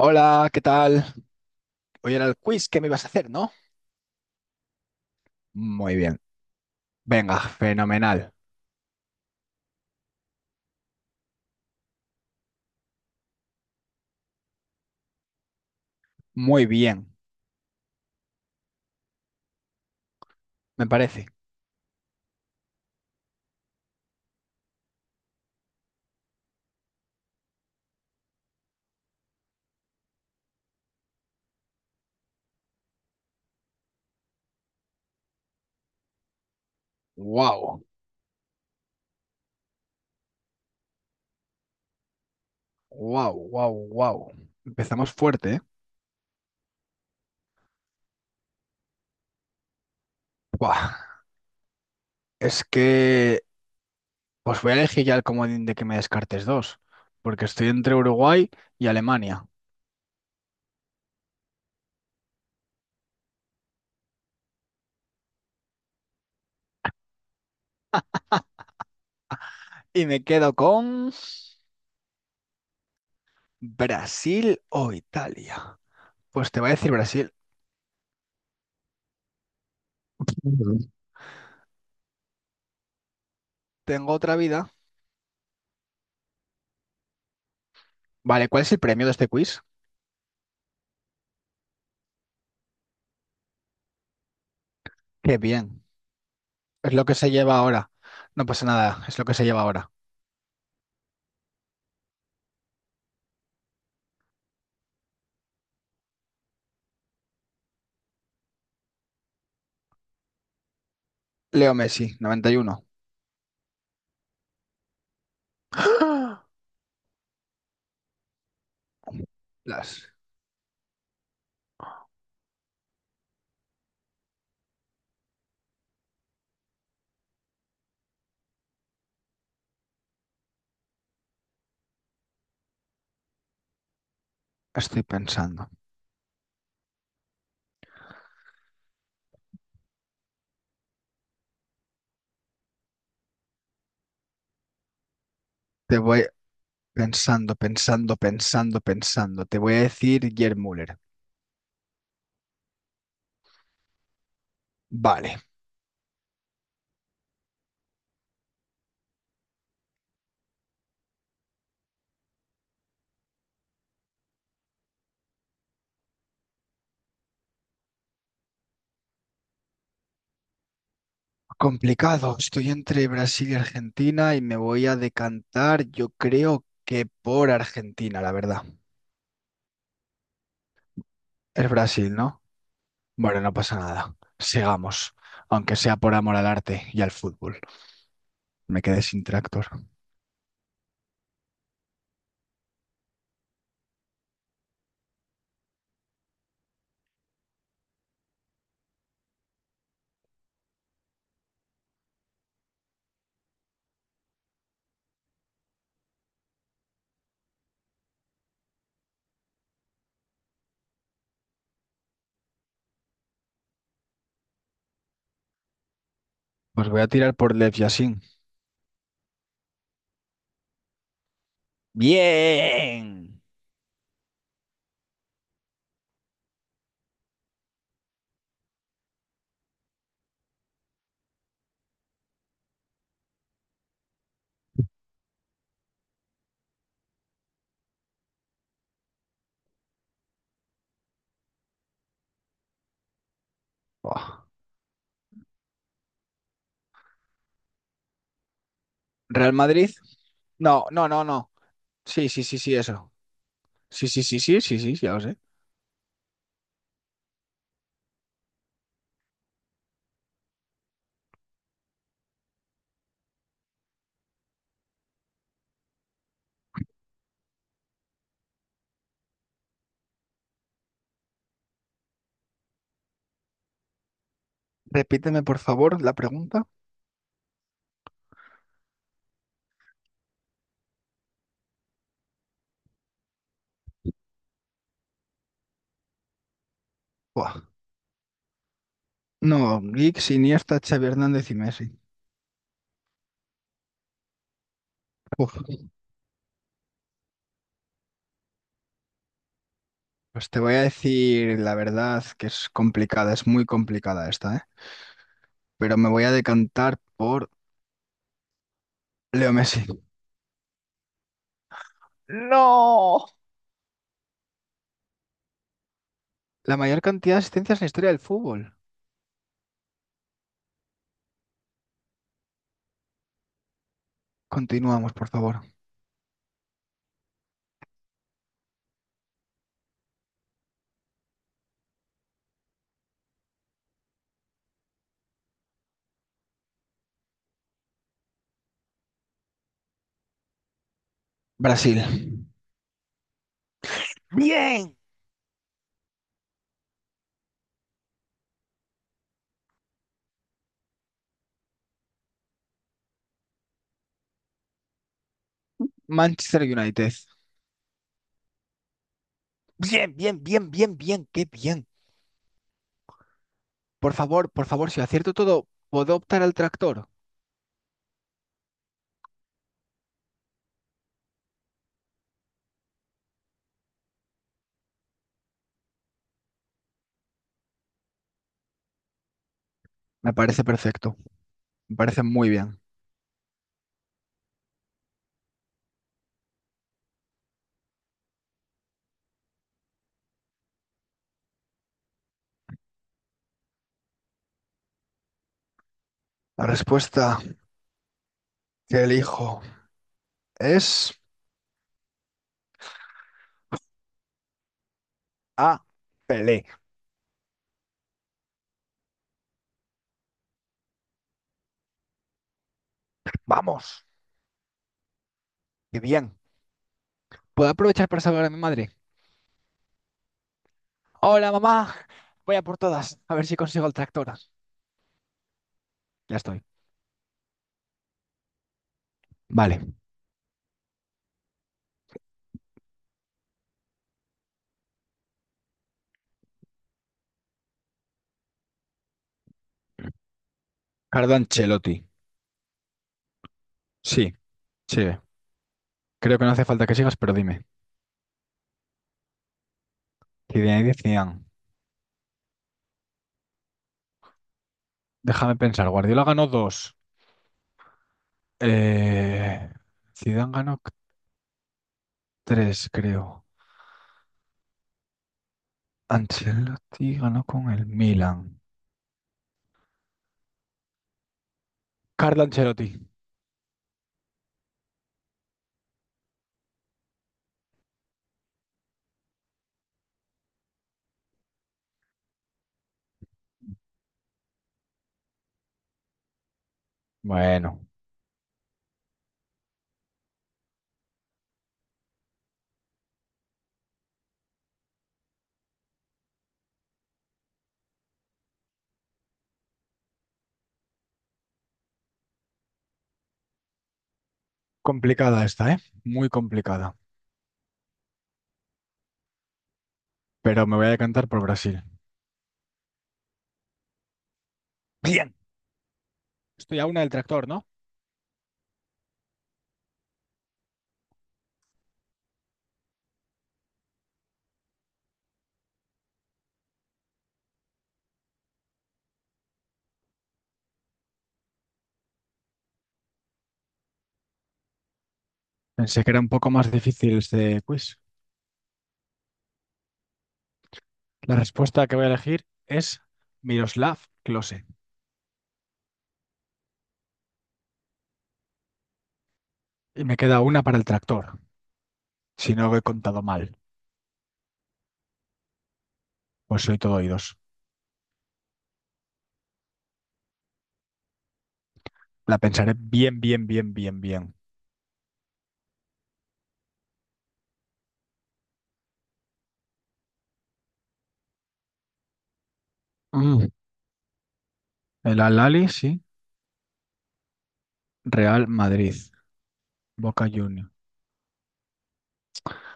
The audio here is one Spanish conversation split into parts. Hola, ¿qué tal? Hoy era el quiz que me ibas a hacer, ¿no? Muy bien. Venga, fenomenal. Muy bien, me parece. Wow, wow, wow, wow. Empezamos fuerte, ¿eh? Buah, Es que, pues voy a elegir ya el comodín de que me descartes dos, porque estoy entre Uruguay y Alemania. Y me quedo con Brasil o Italia. Pues te voy a decir Brasil. Ujú. Tengo otra vida. Vale, ¿cuál es el premio de este quiz? Qué bien. Es lo que se lleva ahora. No pasa nada, es lo que se lleva ahora. Leo Messi, 91. Las estoy pensando. Te voy pensando, pensando, pensando, pensando. Te voy a decir Gerd Müller. Vale. Complicado. Estoy entre Brasil y Argentina y me voy a decantar, yo creo que por Argentina, la verdad. Es Brasil, ¿no? Bueno, no pasa nada. Sigamos, aunque sea por amor al arte y al fútbol. Me quedé sin tractor. Pues voy a tirar por Lev Yashin. Bien. Buah. Real Madrid. No, no, no, no. Sí, sí, sí, sí, eso. Sí, sí, sí, sí, sí, sí, ya lo sé. Repíteme, por favor, la pregunta. Buah. No, Giggs, Iniesta, Xavi Hernández y Messi. Uf. Pues te voy a decir la verdad que es complicada, es muy complicada esta, ¿eh? Pero me voy a decantar por Leo Messi. No. La mayor cantidad de asistencias en la historia del fútbol. Continuamos, por favor. Brasil. Bien. Manchester United. Bien, bien, bien, bien, bien, qué bien. Por favor, si acierto todo, ¿puedo optar al tractor? Me parece perfecto, me parece muy bien. La respuesta que elijo es A, Pelé. Vamos, qué bien. ¿Puedo aprovechar para salvar a mi madre? Hola, mamá. Voy a por todas, a ver si consigo el tractor. Ya estoy. Vale. Carlo Ancelotti. Sí, sigue. Creo que no hace falta que sigas, pero dime. Zidane, Zidane. Déjame pensar, Guardiola ganó dos. Eh, Zidane ganó tres, creo. Ancelotti ganó con el Milan. Carlo Ancelotti. Bueno, complicada esta, ¿eh? Muy complicada. Pero me voy a decantar por Brasil. Bien. Estoy a una del tractor, ¿no? Pensé que era un poco más difícil este quiz. La respuesta que voy a elegir es Miroslav Klose. Y me queda una para el tractor. Si no lo he contado mal, pues soy todo oídos. La pensaré bien, bien, bien, bien, bien. Mm, El Al-Ali, sí. Real Madrid, Boca Juniors.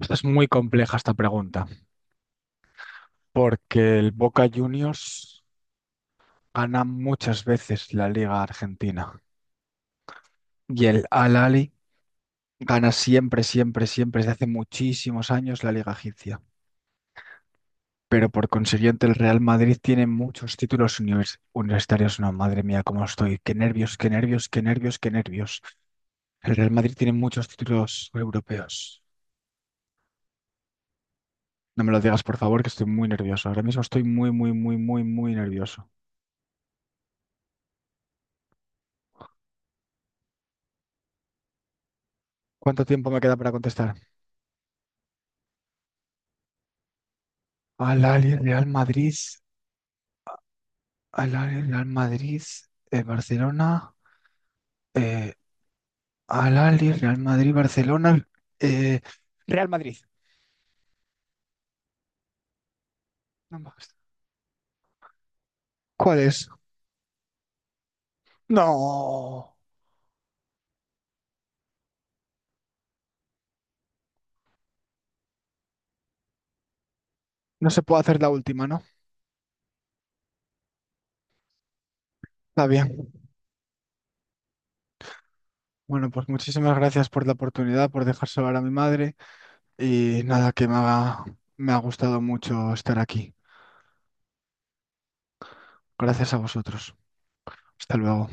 Esta es muy compleja esta pregunta, porque el Boca Juniors gana muchas veces la Liga Argentina y el Al-Ahly gana siempre, siempre, siempre, desde hace muchísimos años la Liga Egipcia. Pero por consiguiente el Real Madrid tiene muchos títulos universitarios. No, madre mía, cómo estoy. Qué nervios, qué nervios, qué nervios, qué nervios. El Real Madrid tiene muchos títulos europeos. No me lo digas, por favor, que estoy muy nervioso. Ahora mismo estoy muy, muy, muy, muy, muy nervioso. ¿Cuánto tiempo me queda para contestar? Al Ahly, Real Madrid, Al Ahly, Real Madrid, Barcelona, eh, Al Ahly, Real Madrid, Barcelona, eh, Real Madrid. No me gusta. ¿Cuál es? No, no se puede hacer la última, ¿no? Está bien. Bueno, pues muchísimas gracias por la oportunidad, por dejar hablar a mi madre y nada, que me ha gustado mucho estar aquí. Gracias a vosotros. Hasta luego.